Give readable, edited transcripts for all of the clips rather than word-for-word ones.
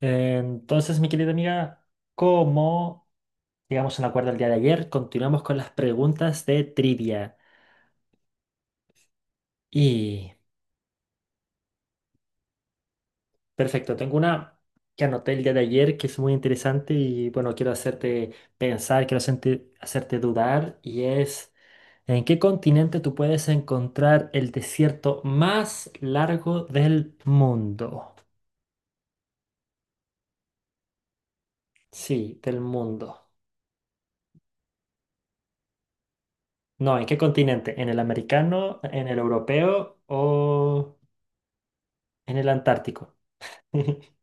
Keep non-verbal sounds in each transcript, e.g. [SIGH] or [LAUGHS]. Entonces, mi querida amiga, como llegamos a un acuerdo el día de ayer, continuamos con las preguntas de trivia. Y perfecto, tengo una que anoté el día de ayer que es muy interesante y bueno, quiero hacerte pensar, quiero hacerte dudar y es, ¿en qué continente tú puedes encontrar el desierto más largo del mundo? Sí, del mundo. No, ¿en qué continente? ¿En el americano, en el europeo o en el antártico? [LAUGHS]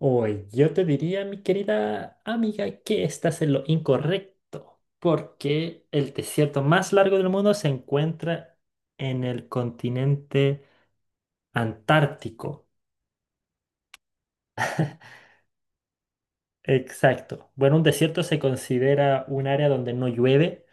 Hoy yo te diría, mi querida amiga, que estás en lo incorrecto, porque el desierto más largo del mundo se encuentra en el continente antártico. Exacto. Bueno, un desierto se considera un área donde no llueve,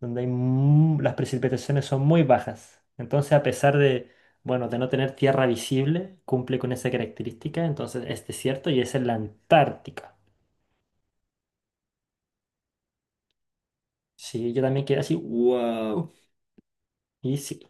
donde las precipitaciones son muy bajas. Entonces, a pesar de, bueno, de no tener tierra visible, cumple con esa característica, entonces es desierto y es en la Antártica. Sí, yo también quedé así, wow. Y sí.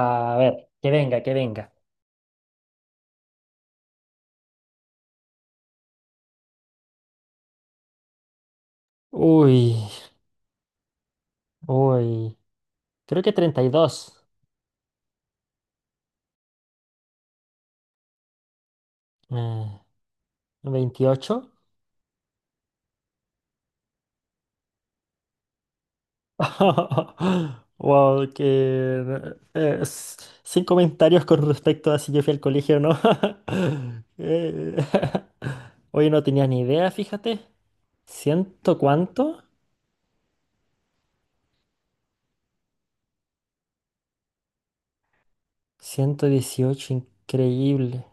A ver, que venga, que venga. Uy, uy. Creo que 32. Eh, 28. [LAUGHS] Wow, eh, s- sin comentarios con respecto a si yo fui al colegio o no. [LAUGHS] Eh, [LAUGHS] Oye, no tenía ni idea, fíjate. ¿Ciento cuánto? 118, increíble.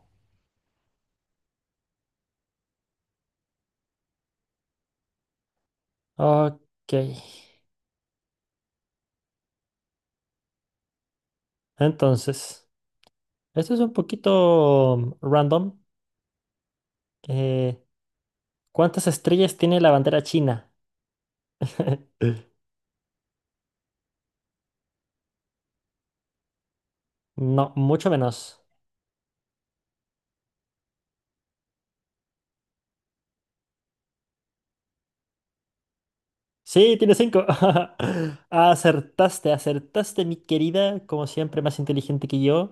Ok. Entonces, esto es un poquito random. Eh, ¿Cuántas estrellas tiene la bandera china? [LAUGHS] No, mucho menos. Sí, tiene 5. [LAUGHS] Acertaste, acertaste, mi querida. Como siempre, más inteligente que yo.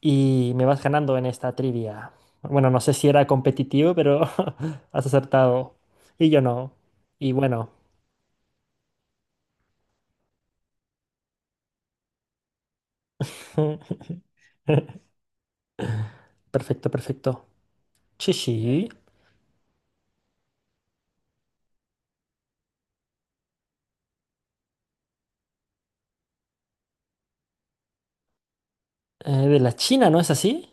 Y me vas ganando en esta trivia. Bueno, no sé si era competitivo, pero [LAUGHS] has acertado. Y yo no. Y bueno. [LAUGHS] Perfecto, perfecto. Sí, sí. De la China, ¿no es así?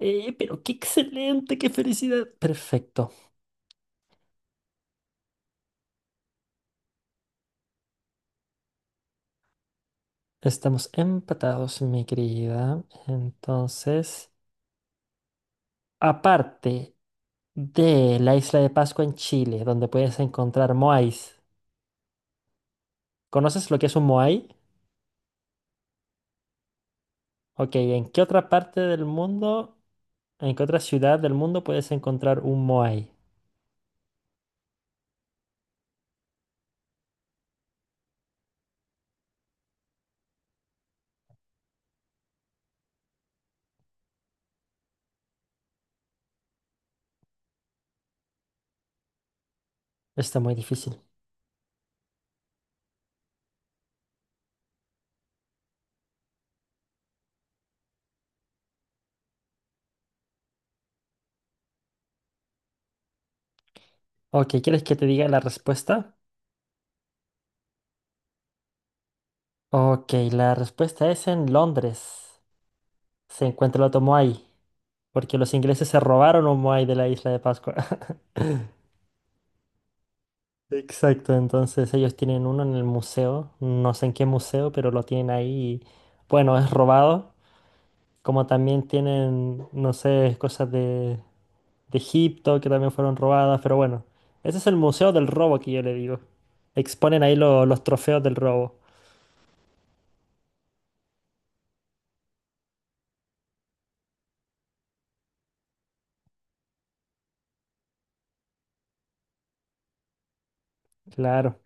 Pero qué excelente, qué felicidad. Perfecto. Estamos empatados, mi querida. Entonces, aparte de la isla de Pascua en Chile, donde puedes encontrar moais, ¿conoces lo que es un moai? Ok, ¿en qué otra parte del mundo, en qué otra ciudad del mundo puedes encontrar un moai? Está muy difícil. Ok, ¿quieres que te diga la respuesta? Ok, la respuesta es en Londres. Se encuentra el otro moai, porque los ingleses se robaron un moai de la isla de Pascua. [LAUGHS] Exacto, entonces ellos tienen uno en el museo, no sé en qué museo, pero lo tienen ahí y bueno, es robado, como también tienen, no sé, cosas de Egipto que también fueron robadas, pero bueno, ese es el museo del robo que yo le digo. Exponen ahí los trofeos del robo. Claro.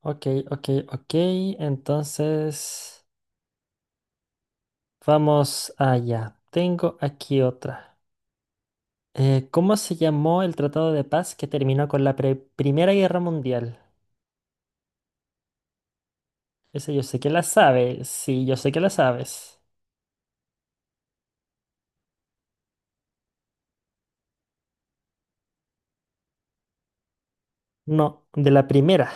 Ok, ok, ok, entonces vamos allá. Tengo aquí otra. ¿Cómo se llamó el Tratado de Paz que terminó con la Primera Guerra Mundial? Esa yo sé que la sabes. Sí, yo sé que la sabes. No, de la primera.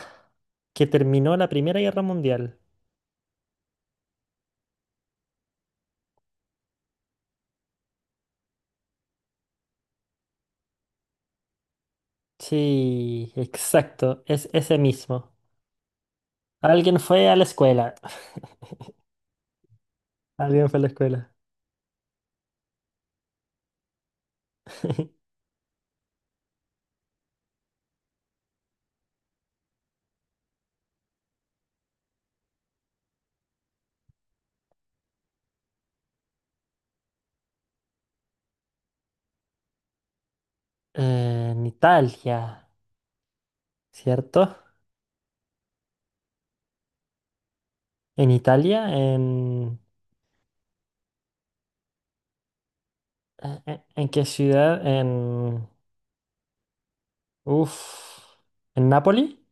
Que terminó la Primera Guerra Mundial. Sí, exacto. Es ese mismo. Alguien fue a la escuela. [LAUGHS] Alguien fue a la escuela. [LAUGHS] En Italia, ¿cierto? En Italia, en... ¿En qué ciudad? En... Uf. ¿En Nápoli?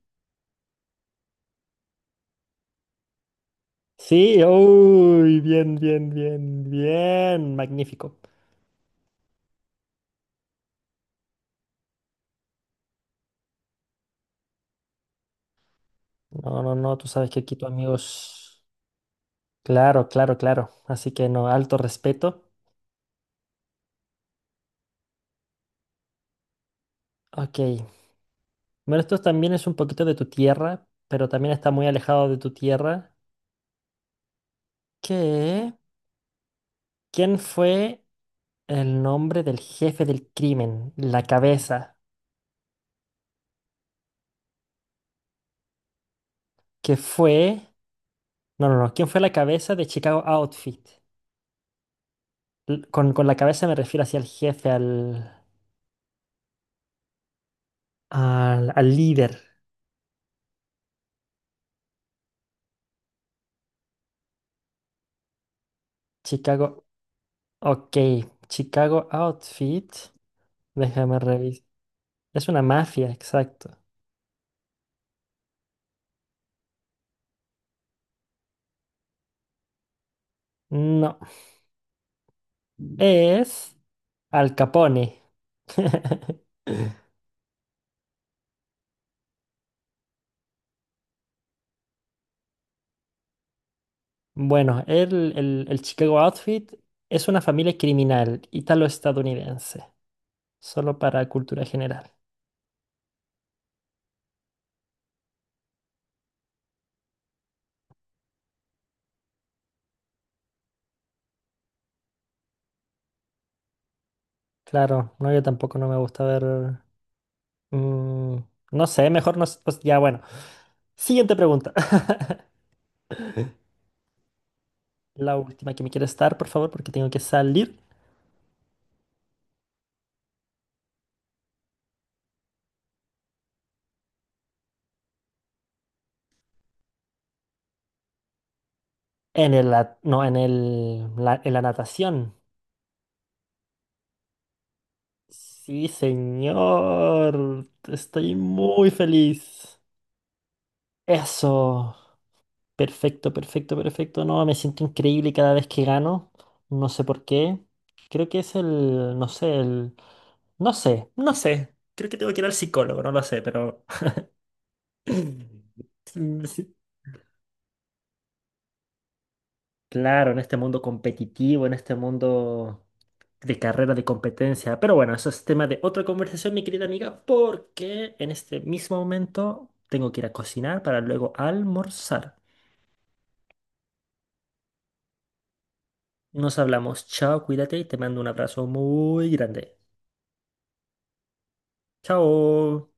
Sí, uy, bien, bien, bien, bien. Magnífico. No, no, no, tú sabes que aquí tu amigos. Claro, claro, claro. Así que no, alto respeto. Ok. Bueno, esto también es un poquito de tu tierra, pero también está muy alejado de tu tierra. ¿Qué? ¿Quién fue el nombre del jefe del crimen? La cabeza. Que fue. No, no, no. ¿Quién fue la cabeza de Chicago Outfit? Con la cabeza me refiero hacia el jefe, al, al, al líder. Chicago. Ok. Chicago Outfit. Déjame revisar. Es una mafia, exacto. No, es Al Capone. [LAUGHS] Bueno, el Chicago Outfit es una familia criminal italo-estadounidense, solo para cultura general. Claro, no, yo tampoco no me gusta ver... mm, no sé, mejor no... s- pues ya, bueno. Siguiente pregunta. [LAUGHS] La última que me quiere estar, por favor, porque tengo que salir no, en la natación. Sí, señor. Estoy muy feliz. Eso. Perfecto, perfecto, perfecto. No, me siento increíble cada vez que gano. No sé por qué. Creo que es el... No sé, no sé. Creo que tengo que ir al psicólogo, no lo sé, pero... [LAUGHS] Sí, claro, en este mundo competitivo, en este mundo de carrera de competencia. Pero bueno, eso es tema de otra conversación, mi querida amiga, porque en este mismo momento tengo que ir a cocinar para luego almorzar. Nos hablamos, chao, cuídate y te mando un abrazo muy grande. Chao.